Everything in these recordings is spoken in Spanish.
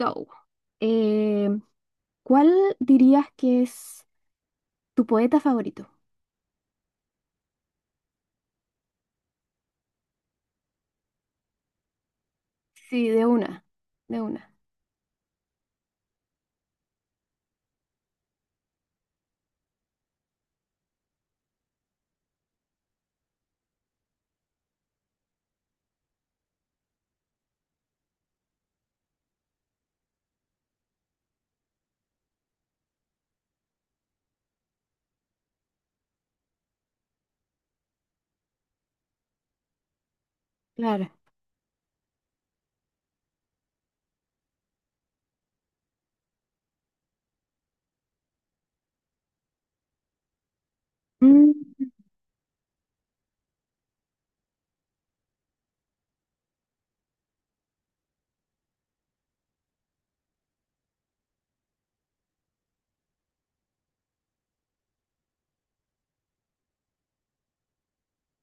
So, eh, ¿cuál dirías que es tu poeta favorito? Sí, de una, claro. Mm,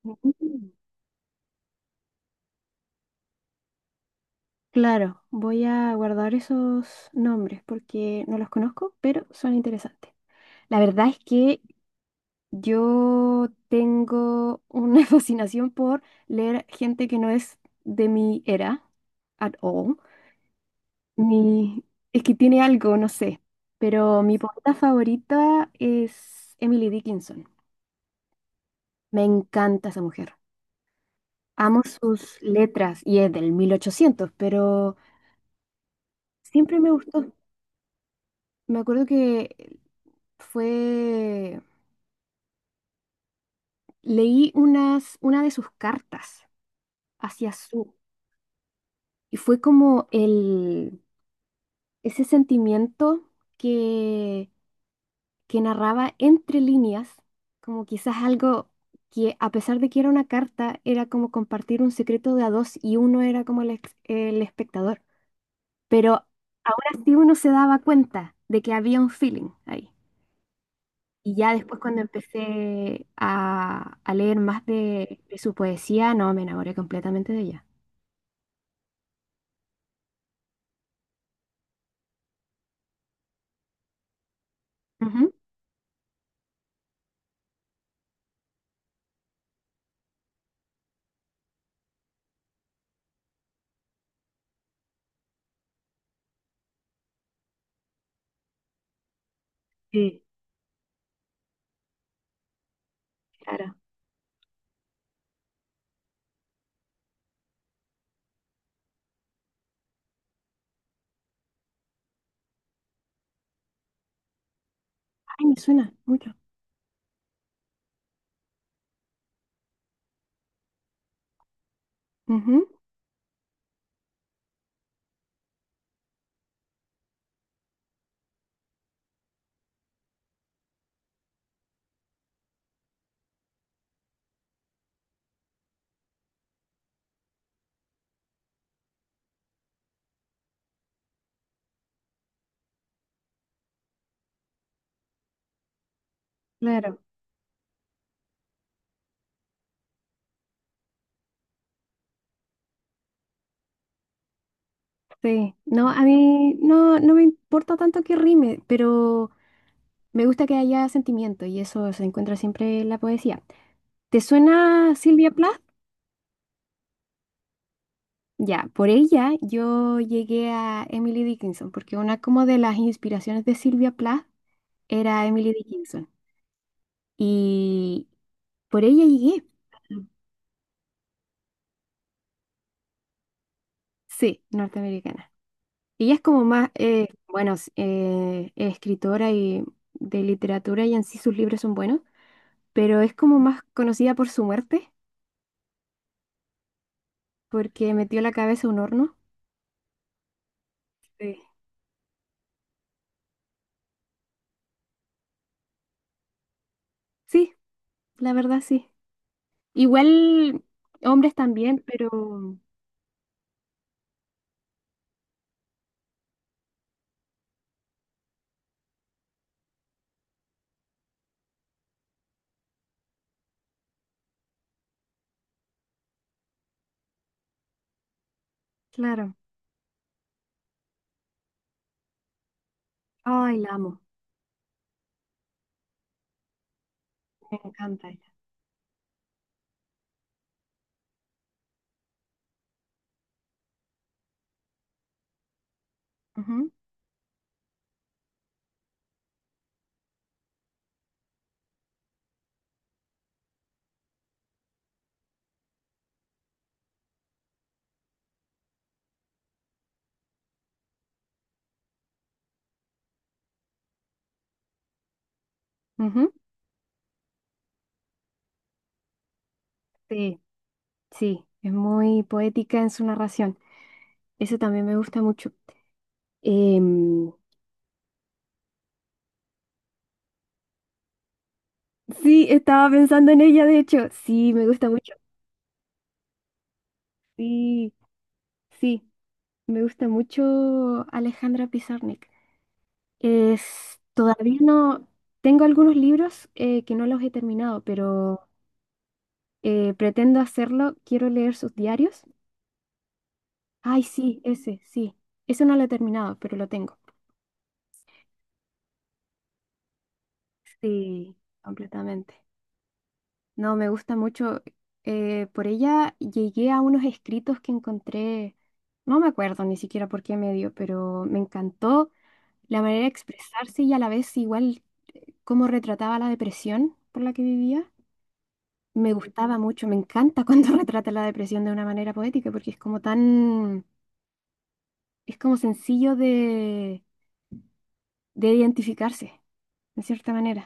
mm, claro, voy a guardar esos nombres porque no los conozco, pero son interesantes. La verdad es que yo tengo una fascinación por leer gente que no es de mi era at all. Mi, es que tiene algo, no sé, pero mi poeta favorita es Emily Dickinson. Me encanta esa mujer. Amo sus letras y es del 1800 pero siempre me gustó. Me acuerdo que fue, leí una de sus cartas hacia su y fue como ese sentimiento que que narraba entre líneas, como quizás algo que a pesar de que era una carta, era como compartir un secreto de a dos y uno era como el espectador. Pero aún así uno se daba cuenta de que había un feeling ahí. Y ya después cuando empecé a leer más de su poesía, no, me enamoré completamente de ella. Ujú. Sí, claro. Ay, me suena mucho. Ujú, claro, sí. No, a mí no, no me importa tanto que rime, pero me gusta que haya sentimiento y eso se encuentra siempre en la poesía. ¿Te suena Sylvia Plath? Ya, por ella yo llegué a Emily Dickinson, porque una como de las inspiraciones de Sylvia Plath era Emily Dickinson. Y por ella llegué. Sí, norteamericana. Ella es como más, bueno, es escritora y de literatura y en sí sus libros son buenos, pero es como más conocida por su muerte, porque metió la cabeza a un horno. Sí. Sí, la verdad sí. Igual hombres también, pero claro. Ay, la amo. Me encanta ella. Ujú, ujú. Sí, sí, es muy poética en su narración. Eso también me gusta mucho. Em, sí, estaba pensando en ella, de hecho. Sí, me gusta mucho. Sí, sí, me gusta mucho Alejandra Pizarnik. Es, todavía no, tengo algunos libros que no los he terminado, pero pretendo hacerlo. Quiero leer sus diarios. Ay, sí. Ese no lo he terminado, pero lo tengo. Sí, completamente. No, me gusta mucho. Por ella llegué a unos escritos que encontré, no me acuerdo ni siquiera por qué medio, pero me encantó la manera de expresarse y a la vez igual cómo retrataba la depresión por la que vivía. Me gustaba mucho, me encanta cuando retrata la depresión de una manera poética porque es como tan, es como sencillo de identificarse, de cierta manera.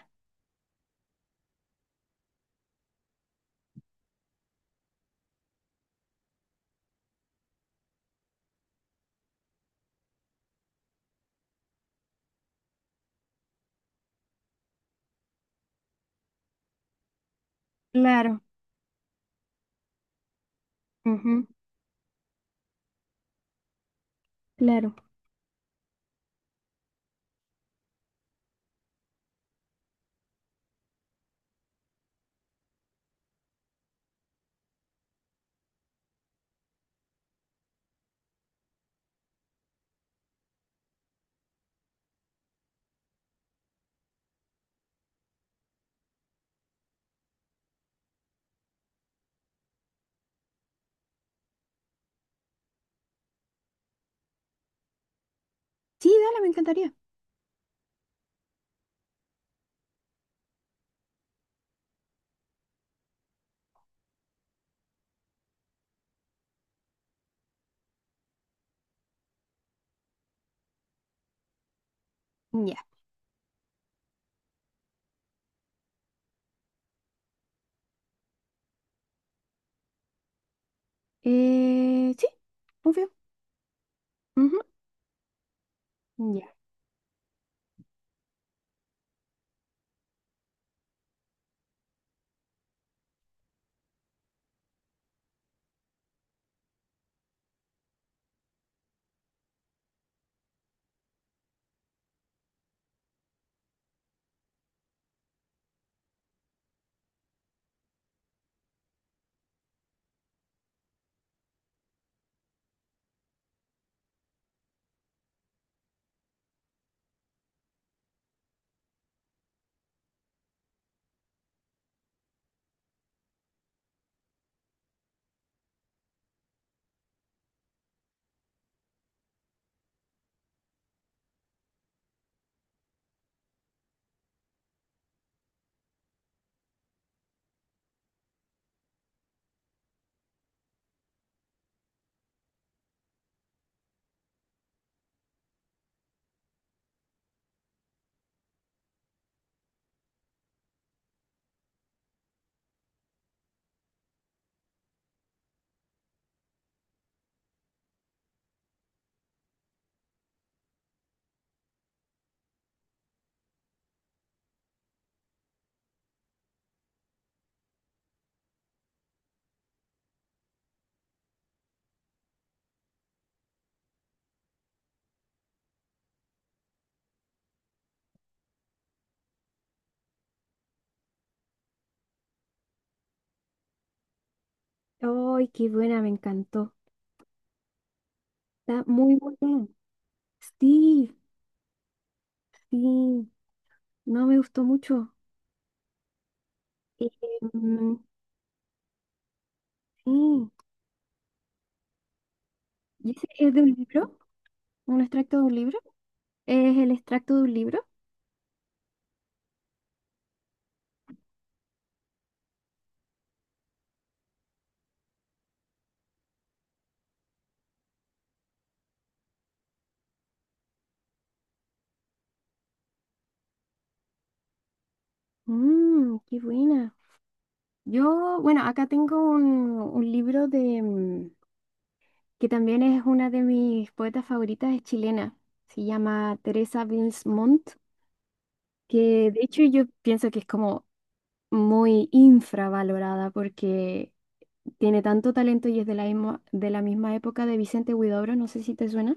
Claro. Ujú, claro. Sí, dale, me encantaría. Ya. Sí, obvio. Ujú, ya. Ay, qué buena, me encantó. Está muy buena. Sí, sí. No me gustó mucho. Eh, mm, sí. ¿Y ese es de un libro? ¿Un extracto de un libro? ¿Es el extracto de un libro? Mmm, qué buena. Yo, bueno, acá tengo un libro de que también es una de mis poetas favoritas, es chilena. Se llama Teresa Bilsmont. Que de hecho yo pienso que es como muy infravalorada porque tiene tanto talento y es de la misma época de Vicente Huidobro, no sé si te suena,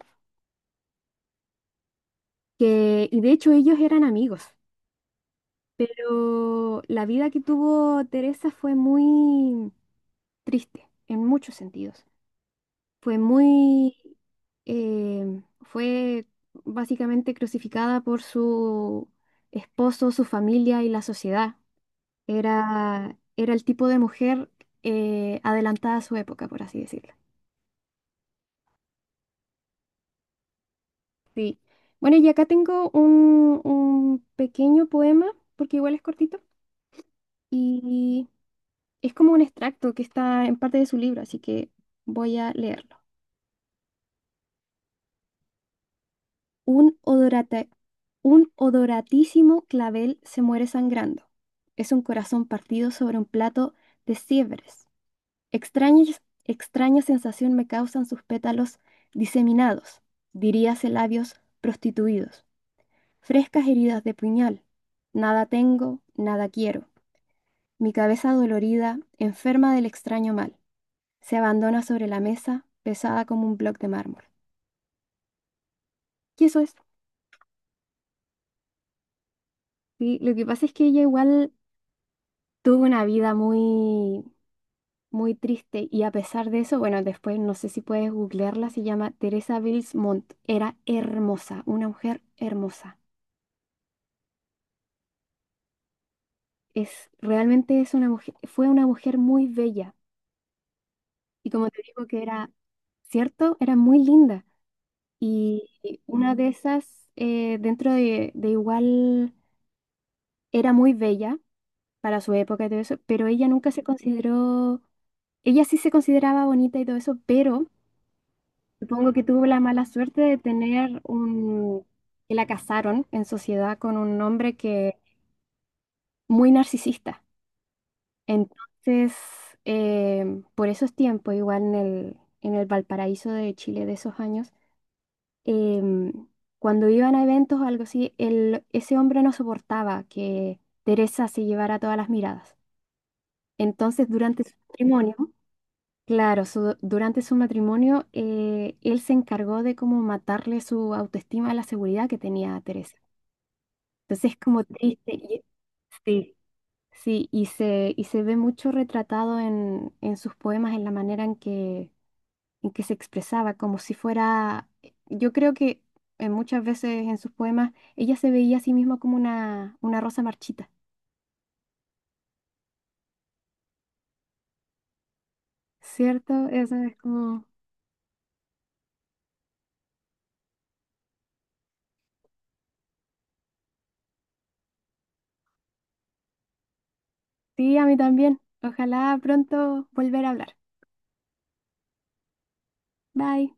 que, y de hecho ellos eran amigos, pero la vida que tuvo Teresa fue muy triste en muchos sentidos. Fue muy, eh, fue básicamente crucificada por su esposo, su familia y la sociedad. Era, era el tipo de mujer adelantada a su época, por así decirlo. Sí. Bueno, y acá tengo un pequeño poema, porque igual es cortito, y es como un extracto que está en parte de su libro, así que voy a leerlo. Un odorata- un odoratísimo clavel se muere sangrando. Es un corazón partido sobre un plato de siebres. Extraña, extraña sensación me causan sus pétalos diseminados, diríase labios prostituidos, frescas heridas de puñal. Nada tengo, nada quiero. Mi cabeza dolorida, enferma del extraño mal, se abandona sobre la mesa, pesada como un bloque de mármol. Y eso es. Sí, lo que pasa es que ella igual tuvo una vida muy, muy triste y a pesar de eso, bueno, después no sé si puedes googlearla, se llama Teresa Bills Montt. Era hermosa, una mujer hermosa. Es, realmente es una mujer, fue una mujer muy bella. Y como te digo que era cierto, era muy linda. Y una de esas, dentro de igual, era muy bella para su época y todo eso, pero ella nunca se consideró, ella sí se consideraba bonita y todo eso, pero supongo que tuvo la mala suerte de tener un, que la casaron en sociedad con un hombre que muy narcisista. Entonces, por esos tiempos, igual en el Valparaíso de Chile de esos años, em, cuando iban a eventos o algo así, ese hombre no soportaba que Teresa se llevara todas las miradas. Entonces, durante su matrimonio, claro, durante su matrimonio, él se encargó de como matarle su autoestima a la seguridad que tenía Teresa. Entonces, es como triste. Y- Sí. Sí, y se ve mucho retratado en sus poemas, en la manera en que se expresaba, como si fuera, yo creo que muchas veces en sus poemas ella se veía a sí misma como una rosa marchita, ¿cierto? Eso es como, sí, a mí también. Ojalá pronto volver a hablar. Bye.